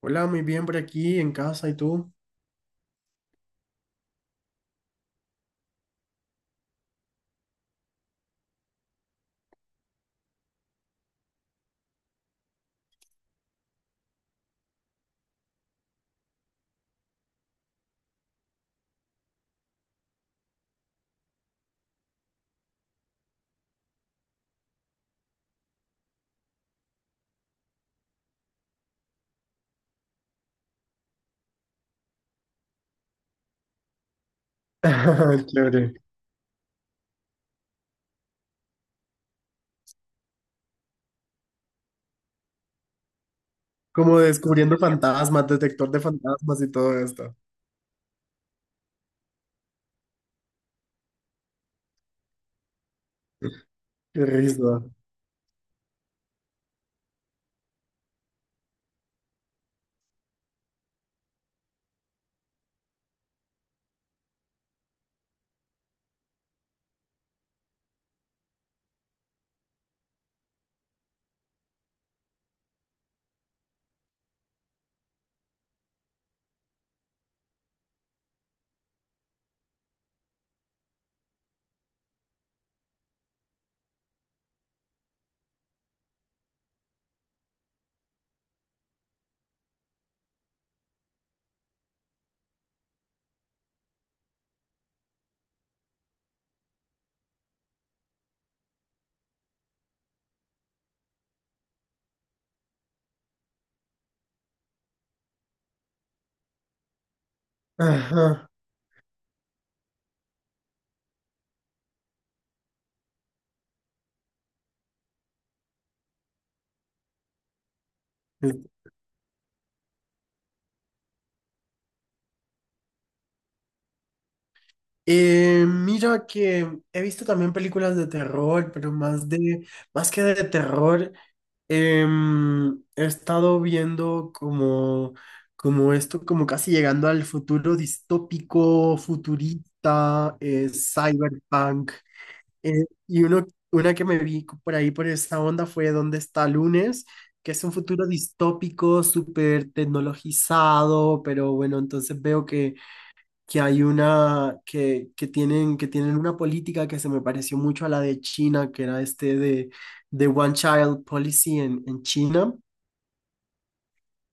Hola, muy bien por aquí en casa, ¿y tú? Chévere. Como descubriendo fantasmas, detector de fantasmas y todo esto. Qué risa. Ajá. Mira que he visto también películas de terror, pero más que de terror, he estado viendo como esto, como casi llegando al futuro distópico, futurista, cyberpunk. Eh, y uno, una que me vi por ahí por esa onda fue ¿Dónde está Lunes? Que es un futuro distópico, súper tecnologizado, pero bueno, entonces veo que hay una, que tienen una política que se me pareció mucho a la de China, que era este de One Child Policy en China.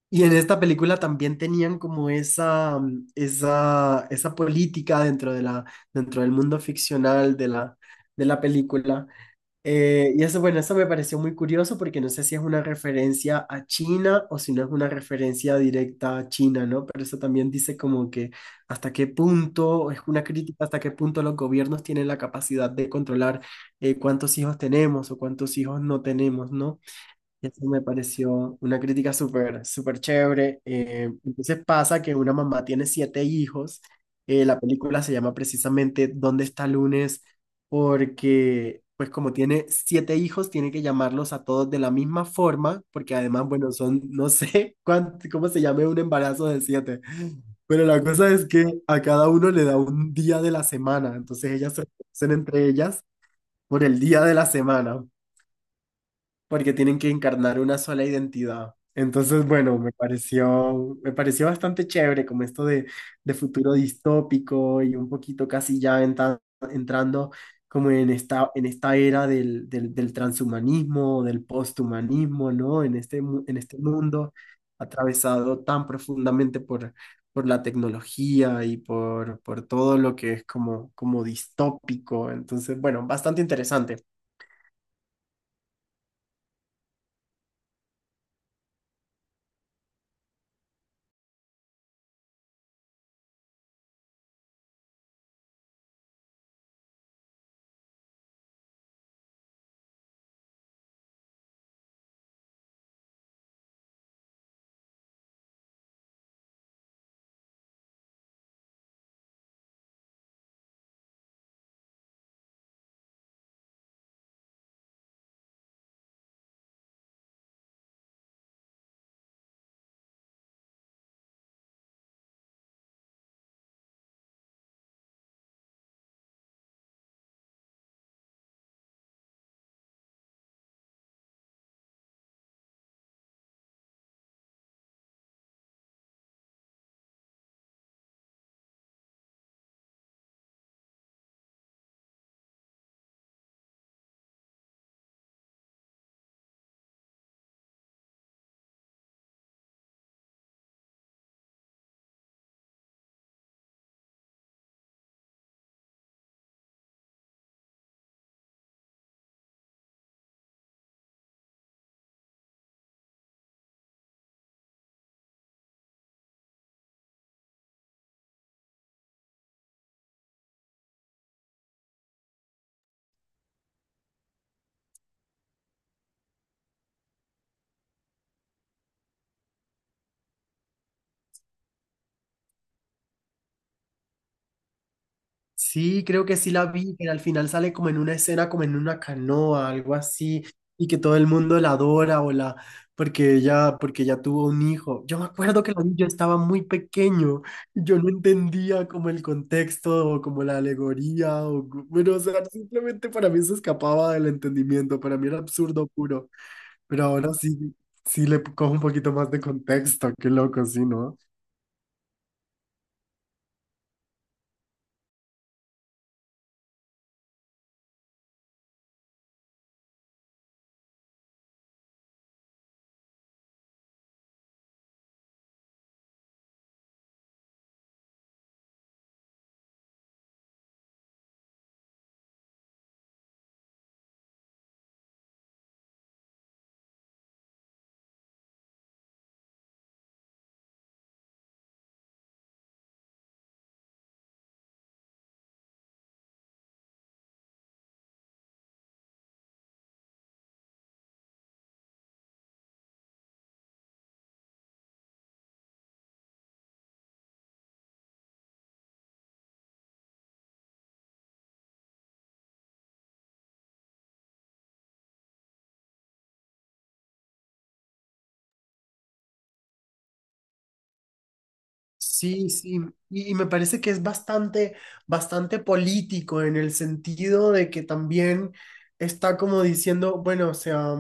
Y en esta película también tenían como esa política dentro de dentro del mundo ficcional de de la película. Y eso, bueno, eso me pareció muy curioso porque no sé si es una referencia a China o si no es una referencia directa a China, ¿no? Pero eso también dice como que hasta qué punto, es una crítica, hasta qué punto los gobiernos tienen la capacidad de controlar cuántos hijos tenemos o cuántos hijos no tenemos, ¿no? Eso me pareció una crítica súper, súper chévere. Entonces pasa que una mamá tiene siete hijos. La película se llama precisamente ¿Dónde está Lunes? Porque, pues como tiene siete hijos, tiene que llamarlos a todos de la misma forma, porque además, bueno, son, no sé cuánto, cómo se llame un embarazo de siete. Pero la cosa es que a cada uno le da un día de la semana, entonces ellas se reconocen entre ellas por el día de la semana porque tienen que encarnar una sola identidad. Entonces, bueno, me pareció bastante chévere como esto de futuro distópico y un poquito casi ya entrando como en esta era del transhumanismo, del posthumanismo, ¿no? En este, en este mundo atravesado tan profundamente por la tecnología por todo lo que es como, como distópico. Entonces, bueno, bastante interesante. Sí, creo que sí la vi, que al final sale como en una escena, como en una canoa, algo así, y que todo el mundo la adora o la, porque ella tuvo un hijo. Yo me acuerdo que la vi, yo estaba muy pequeño, y yo no entendía como el contexto o como la alegoría, o, bueno, o sea, simplemente para mí se escapaba del entendimiento, para mí era absurdo puro, pero ahora sí, sí le cojo un poquito más de contexto, qué loco, sí, ¿no? Sí, y me parece que es bastante, bastante político en el sentido de que también está como diciendo, bueno, o sea,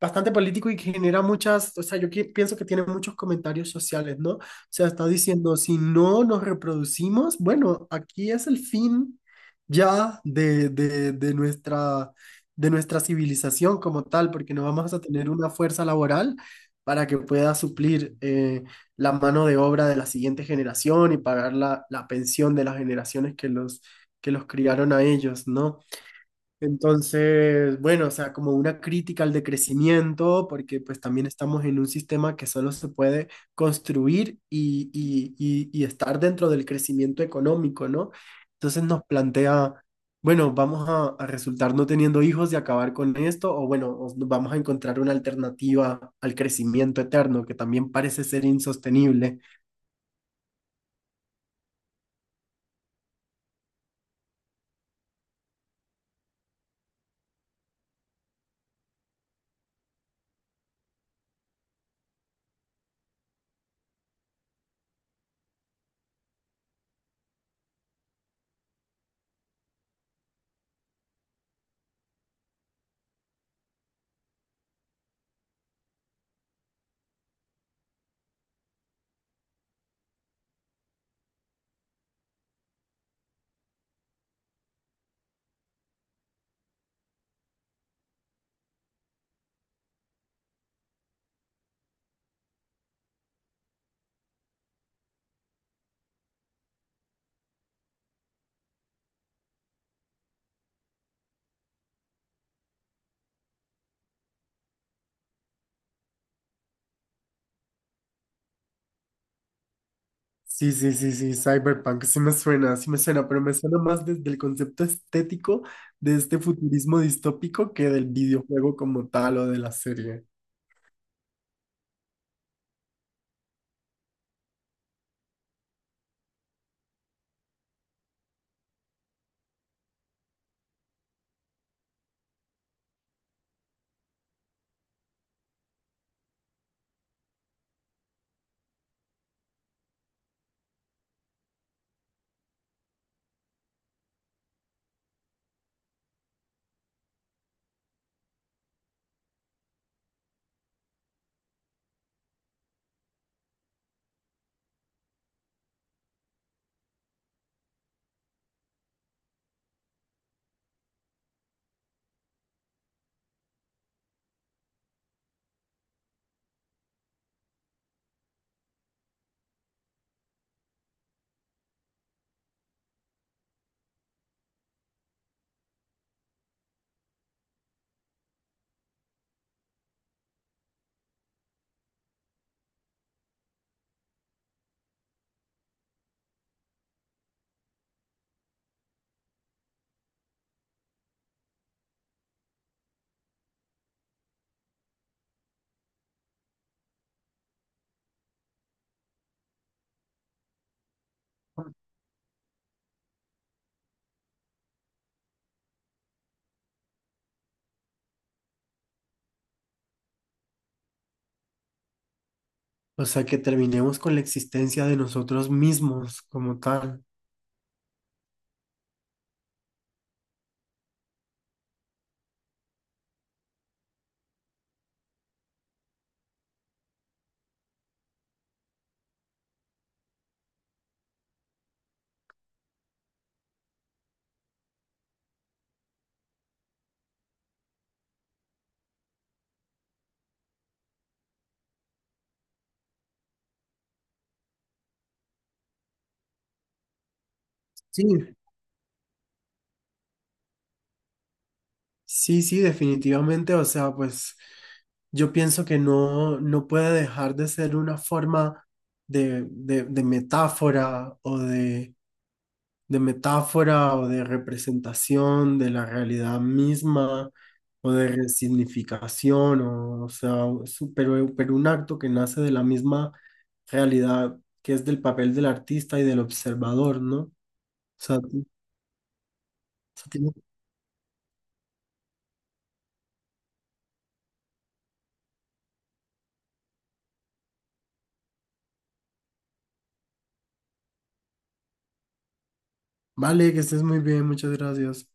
bastante político y que genera muchas, o sea, pienso que tiene muchos comentarios sociales, ¿no? O sea, está diciendo, si no nos reproducimos, bueno, aquí es el fin ya de nuestra civilización como tal, porque no vamos a tener una fuerza laboral para que pueda suplir la mano de obra de la siguiente generación y pagar la pensión de las generaciones que los criaron a ellos, ¿no? Entonces, bueno, o sea, como una crítica al decrecimiento, porque pues también estamos en un sistema que solo se puede construir y estar dentro del crecimiento económico, ¿no? Entonces nos plantea, bueno, vamos a resultar no teniendo hijos y acabar con esto, o bueno, o nos vamos a encontrar una alternativa al crecimiento eterno, que también parece ser insostenible. Sí, sí, Cyberpunk, sí me suena, pero me suena más desde el concepto estético de este futurismo distópico que del videojuego como tal o de la serie. O sea, que terminemos con la existencia de nosotros mismos como tal. Sí, sí, sí, definitivamente, o sea, pues yo pienso que no, no puede dejar de ser una forma de, de metáfora o de metáfora o de representación de la realidad misma o de resignificación, o sea, pero un acto que nace de la misma realidad que es del papel del artista y del observador, ¿no? O sea, tiene- vale, que estés muy bien, muchas gracias.